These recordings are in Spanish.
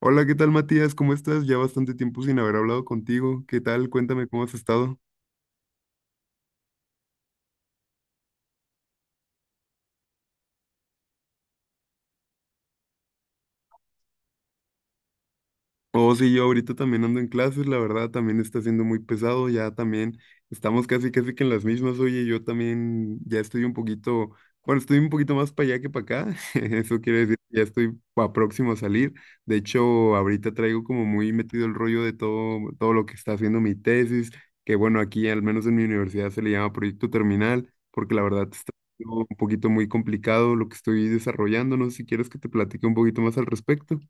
Hola, ¿qué tal Matías? ¿Cómo estás? Ya bastante tiempo sin haber hablado contigo. ¿Qué tal? Cuéntame cómo has estado. Oh, sí, yo ahorita también ando en clases, la verdad también está siendo muy pesado, ya también estamos casi casi que en las mismas. Oye, yo también ya estoy un poquito, bueno, estoy un poquito más para allá que para acá. Eso quiere decir que ya estoy próximo a salir. De hecho, ahorita traigo como muy metido el rollo de todo lo que está haciendo mi tesis, que bueno, aquí al menos en mi universidad se le llama proyecto terminal, porque la verdad está siendo un poquito muy complicado lo que estoy desarrollando. No sé si quieres que te platique un poquito más al respecto.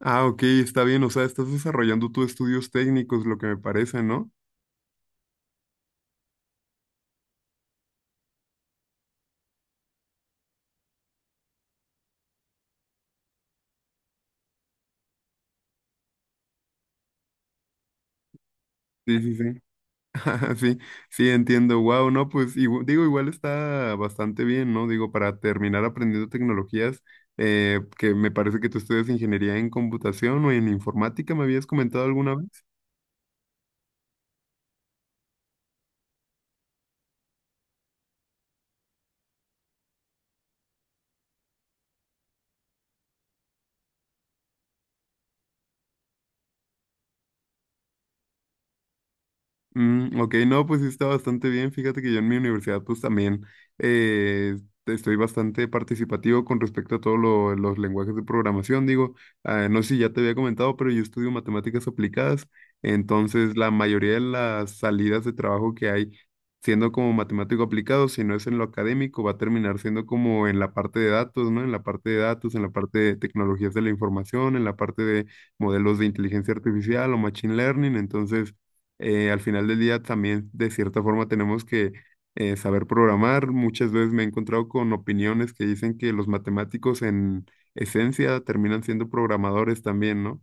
Ah, ok, está bien, o sea, estás desarrollando tú estudios técnicos, lo que me parece, ¿no? Sí, sí, sí. Sí, sí, entiendo. Wow, no, pues digo, igual está bastante bien, ¿no? Digo, para terminar aprendiendo tecnologías, que me parece que tú estudias ingeniería en computación o en informática, ¿me habías comentado alguna vez? Mm, ok, no, pues sí está bastante bien. Fíjate que yo en mi universidad pues también eh, estoy bastante participativo con respecto a todos los lenguajes de programación. Digo, ah, no sé si ya te había comentado, pero yo estudio matemáticas aplicadas. Entonces, la mayoría de las salidas de trabajo que hay, siendo como matemático aplicado, si no es en lo académico, va a terminar siendo como en la parte de datos, ¿no? En la parte de datos, en la parte de tecnologías de la información, en la parte de modelos de inteligencia artificial o machine learning. Entonces, al final del día también de cierta forma tenemos que saber programar. Muchas veces me he encontrado con opiniones que dicen que los matemáticos en esencia terminan siendo programadores también, ¿no?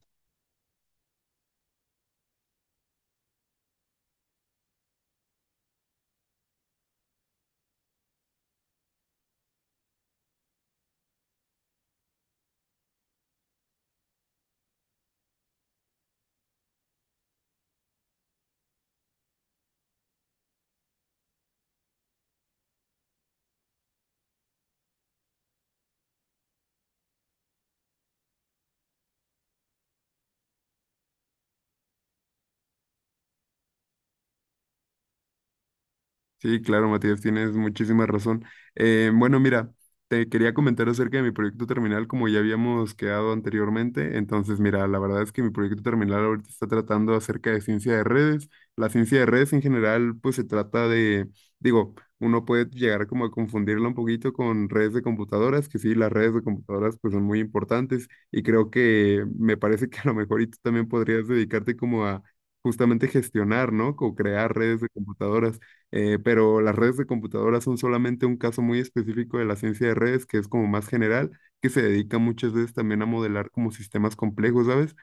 Sí, claro, Matías, tienes muchísima razón. Bueno, mira, te quería comentar acerca de mi proyecto terminal, como ya habíamos quedado anteriormente. Entonces, mira, la verdad es que mi proyecto terminal ahorita está tratando acerca de ciencia de redes. La ciencia de redes en general, pues se trata de, digo, uno puede llegar como a confundirla un poquito con redes de computadoras, que sí, las redes de computadoras pues son muy importantes y creo que me parece que a lo mejor y tú también podrías dedicarte como a justamente gestionar, ¿no? O crear redes de computadoras. Pero las redes de computadoras son solamente un caso muy específico de la ciencia de redes, que es como más general, que se dedica muchas veces también a modelar como sistemas complejos, ¿sabes?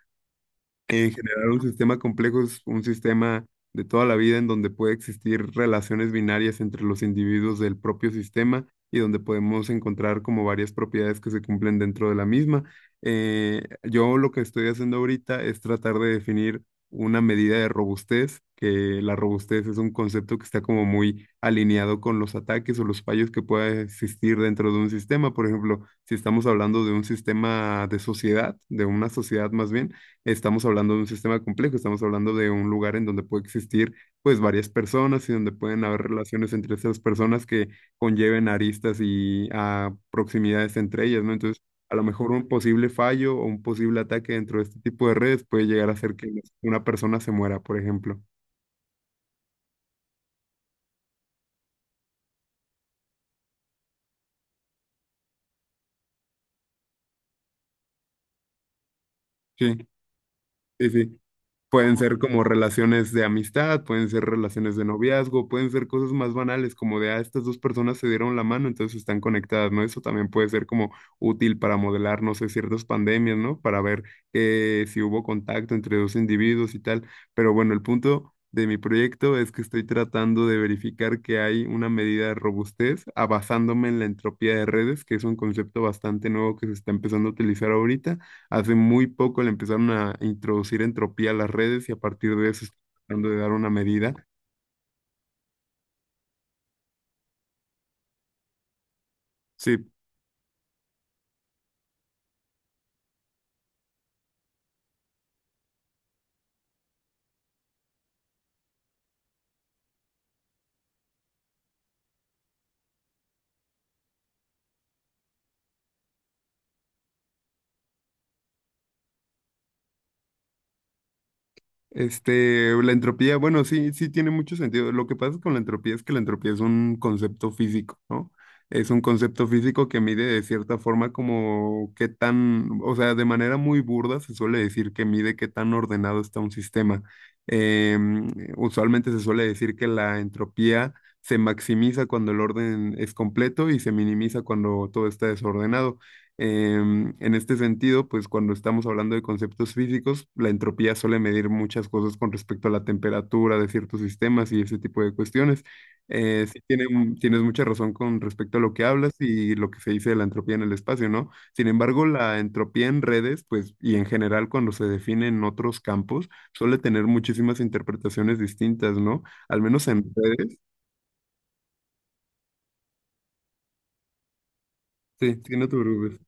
En general, un sistema complejo es un sistema de toda la vida en donde puede existir relaciones binarias entre los individuos del propio sistema y donde podemos encontrar como varias propiedades que se cumplen dentro de la misma. Yo lo que estoy haciendo ahorita es tratar de definir una medida de robustez, que la robustez es un concepto que está como muy alineado con los ataques o los fallos que pueda existir dentro de un sistema. Por ejemplo, si estamos hablando de un sistema de sociedad, de una sociedad más bien, estamos hablando de un sistema complejo, estamos hablando de un lugar en donde puede existir pues varias personas y donde pueden haber relaciones entre esas personas que conlleven aristas y a proximidades entre ellas, ¿no? Entonces, a lo mejor un posible fallo o un posible ataque dentro de este tipo de redes puede llegar a hacer que una persona se muera, por ejemplo. Sí, sí, sí. Pueden ser como relaciones de amistad, pueden ser relaciones de noviazgo, pueden ser cosas más banales, como de, ah, estas dos personas se dieron la mano, entonces están conectadas, ¿no? Eso también puede ser como útil para modelar, no sé, ciertas pandemias, ¿no? Para ver si hubo contacto entre dos individuos y tal. Pero bueno, el punto de mi proyecto es que estoy tratando de verificar que hay una medida de robustez, ah, basándome en la entropía de redes, que es un concepto bastante nuevo que se está empezando a utilizar ahorita. Hace muy poco le empezaron a introducir entropía a las redes y a partir de eso están tratando de dar una medida. Sí. Este, la entropía, bueno, sí, sí tiene mucho sentido. Lo que pasa con la entropía es que la entropía es un concepto físico, ¿no? Es un concepto físico que mide de cierta forma como qué tan, o sea, de manera muy burda se suele decir que mide qué tan ordenado está un sistema. Em, Usualmente se suele decir que la entropía se maximiza cuando el orden es completo y se minimiza cuando todo está desordenado. En este sentido, pues cuando estamos hablando de conceptos físicos, la entropía suele medir muchas cosas con respecto a la temperatura de ciertos sistemas y ese tipo de cuestiones. Sí, tiene tienes mucha razón con respecto a lo que hablas y lo que se dice de la entropía en el espacio, ¿no? Sin embargo, la entropía en redes, pues, y en general cuando se define en otros campos, suele tener muchísimas interpretaciones distintas, ¿no? Al menos en redes. Sí, sí, no te preocupes.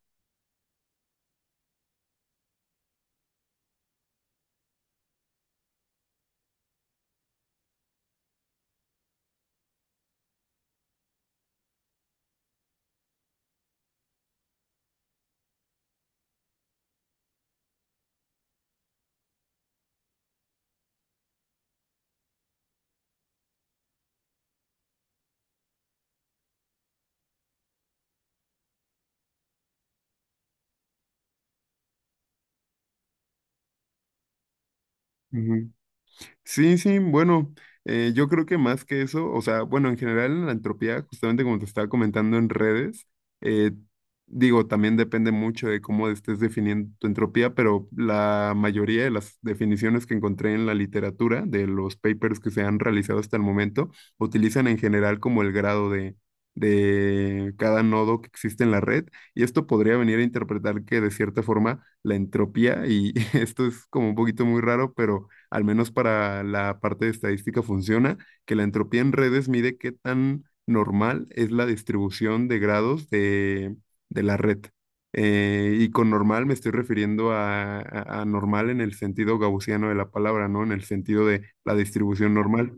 Sí, sí, bueno, yo creo que más que eso, o sea, bueno, en general en la entropía, justamente como te estaba comentando en redes, eh, digo, también depende mucho de cómo estés definiendo tu entropía, pero la mayoría de las definiciones que encontré en la literatura, de los papers que se han realizado hasta el momento, utilizan en general como el grado de cada nodo que existe en la red, y esto podría venir a interpretar que de cierta forma la entropía y esto es como un poquito muy raro, pero al menos para la parte de estadística funciona, que la entropía en redes mide qué tan normal es la distribución de grados de la red. Y con normal me estoy refiriendo a normal en el sentido gaussiano de la palabra, ¿no? En el sentido de la distribución normal.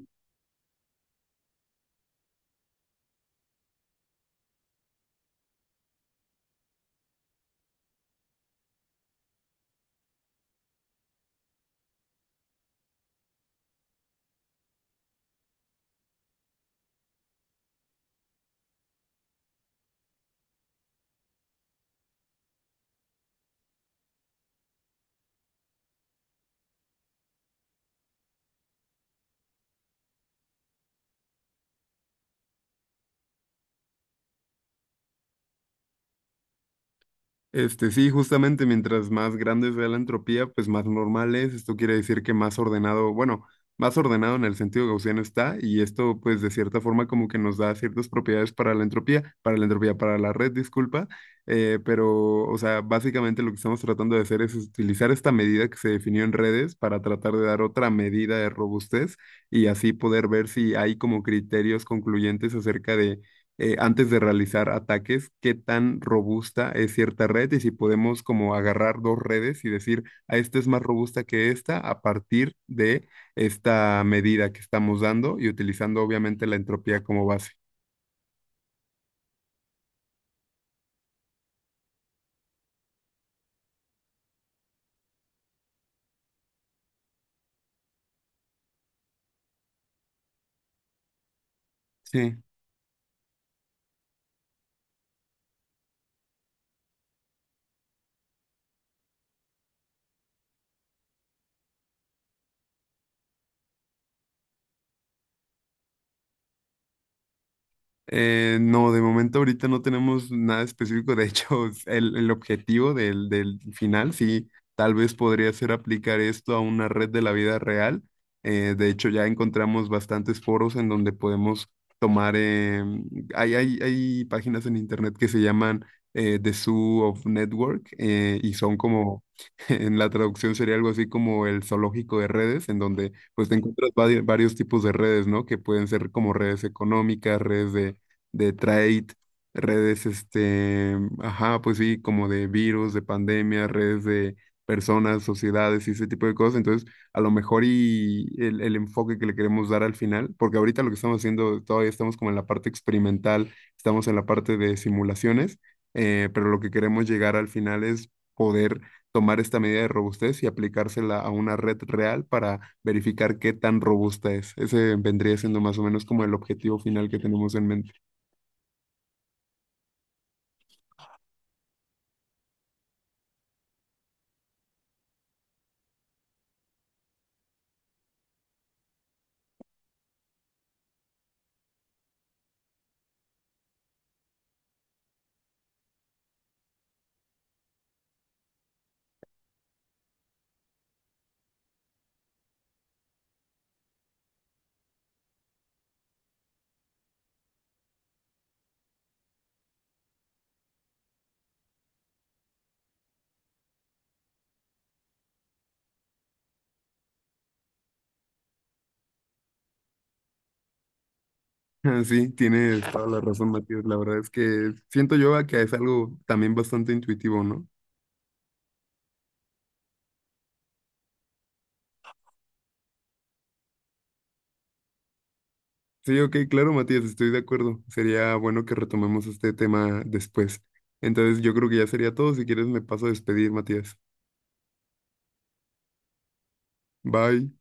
Este, sí, justamente mientras más grande sea la entropía, pues más normal es. Esto quiere decir que más ordenado, bueno, más ordenado en el sentido gaussiano está, y esto, pues, de cierta forma, como que nos da ciertas propiedades para la entropía, para la red, disculpa. Pero, o sea, básicamente lo que estamos tratando de hacer es utilizar esta medida que se definió en redes para tratar de dar otra medida de robustez y así poder ver si hay como criterios concluyentes acerca de antes de realizar ataques, qué tan robusta es cierta red y si podemos como agarrar dos redes y decir, a esta es más robusta que esta a partir de esta medida que estamos dando y utilizando obviamente la entropía como base. Sí. No, de momento ahorita no tenemos nada específico. De hecho, el objetivo del final, sí, tal vez podría ser aplicar esto a una red de la vida real. De hecho, ya encontramos bastantes foros en donde podemos tomar, hay páginas en internet que se llaman The Zoo of Network y son como, en la traducción sería algo así como el zoológico de redes, en donde pues te encuentras varios tipos de redes, ¿no? Que pueden ser como redes económicas, redes de trade, redes, este, ajá, pues sí, como de virus, de pandemia, redes de personas, sociedades y ese tipo de cosas. Entonces, a lo mejor y el enfoque que le queremos dar al final, porque ahorita lo que estamos haciendo, todavía estamos como en la parte experimental, estamos en la parte de simulaciones, pero lo que queremos llegar al final es poder tomar esta medida de robustez y aplicársela a una red real para verificar qué tan robusta es. Ese vendría siendo más o menos como el objetivo final que tenemos en mente. Ah, sí, tienes toda la razón, Matías. La verdad es que siento yo a que es algo también bastante intuitivo, ¿no? Sí, ok, claro, Matías, estoy de acuerdo. Sería bueno que retomemos este tema después. Entonces, yo creo que ya sería todo. Si quieres, me paso a despedir, Matías. Bye.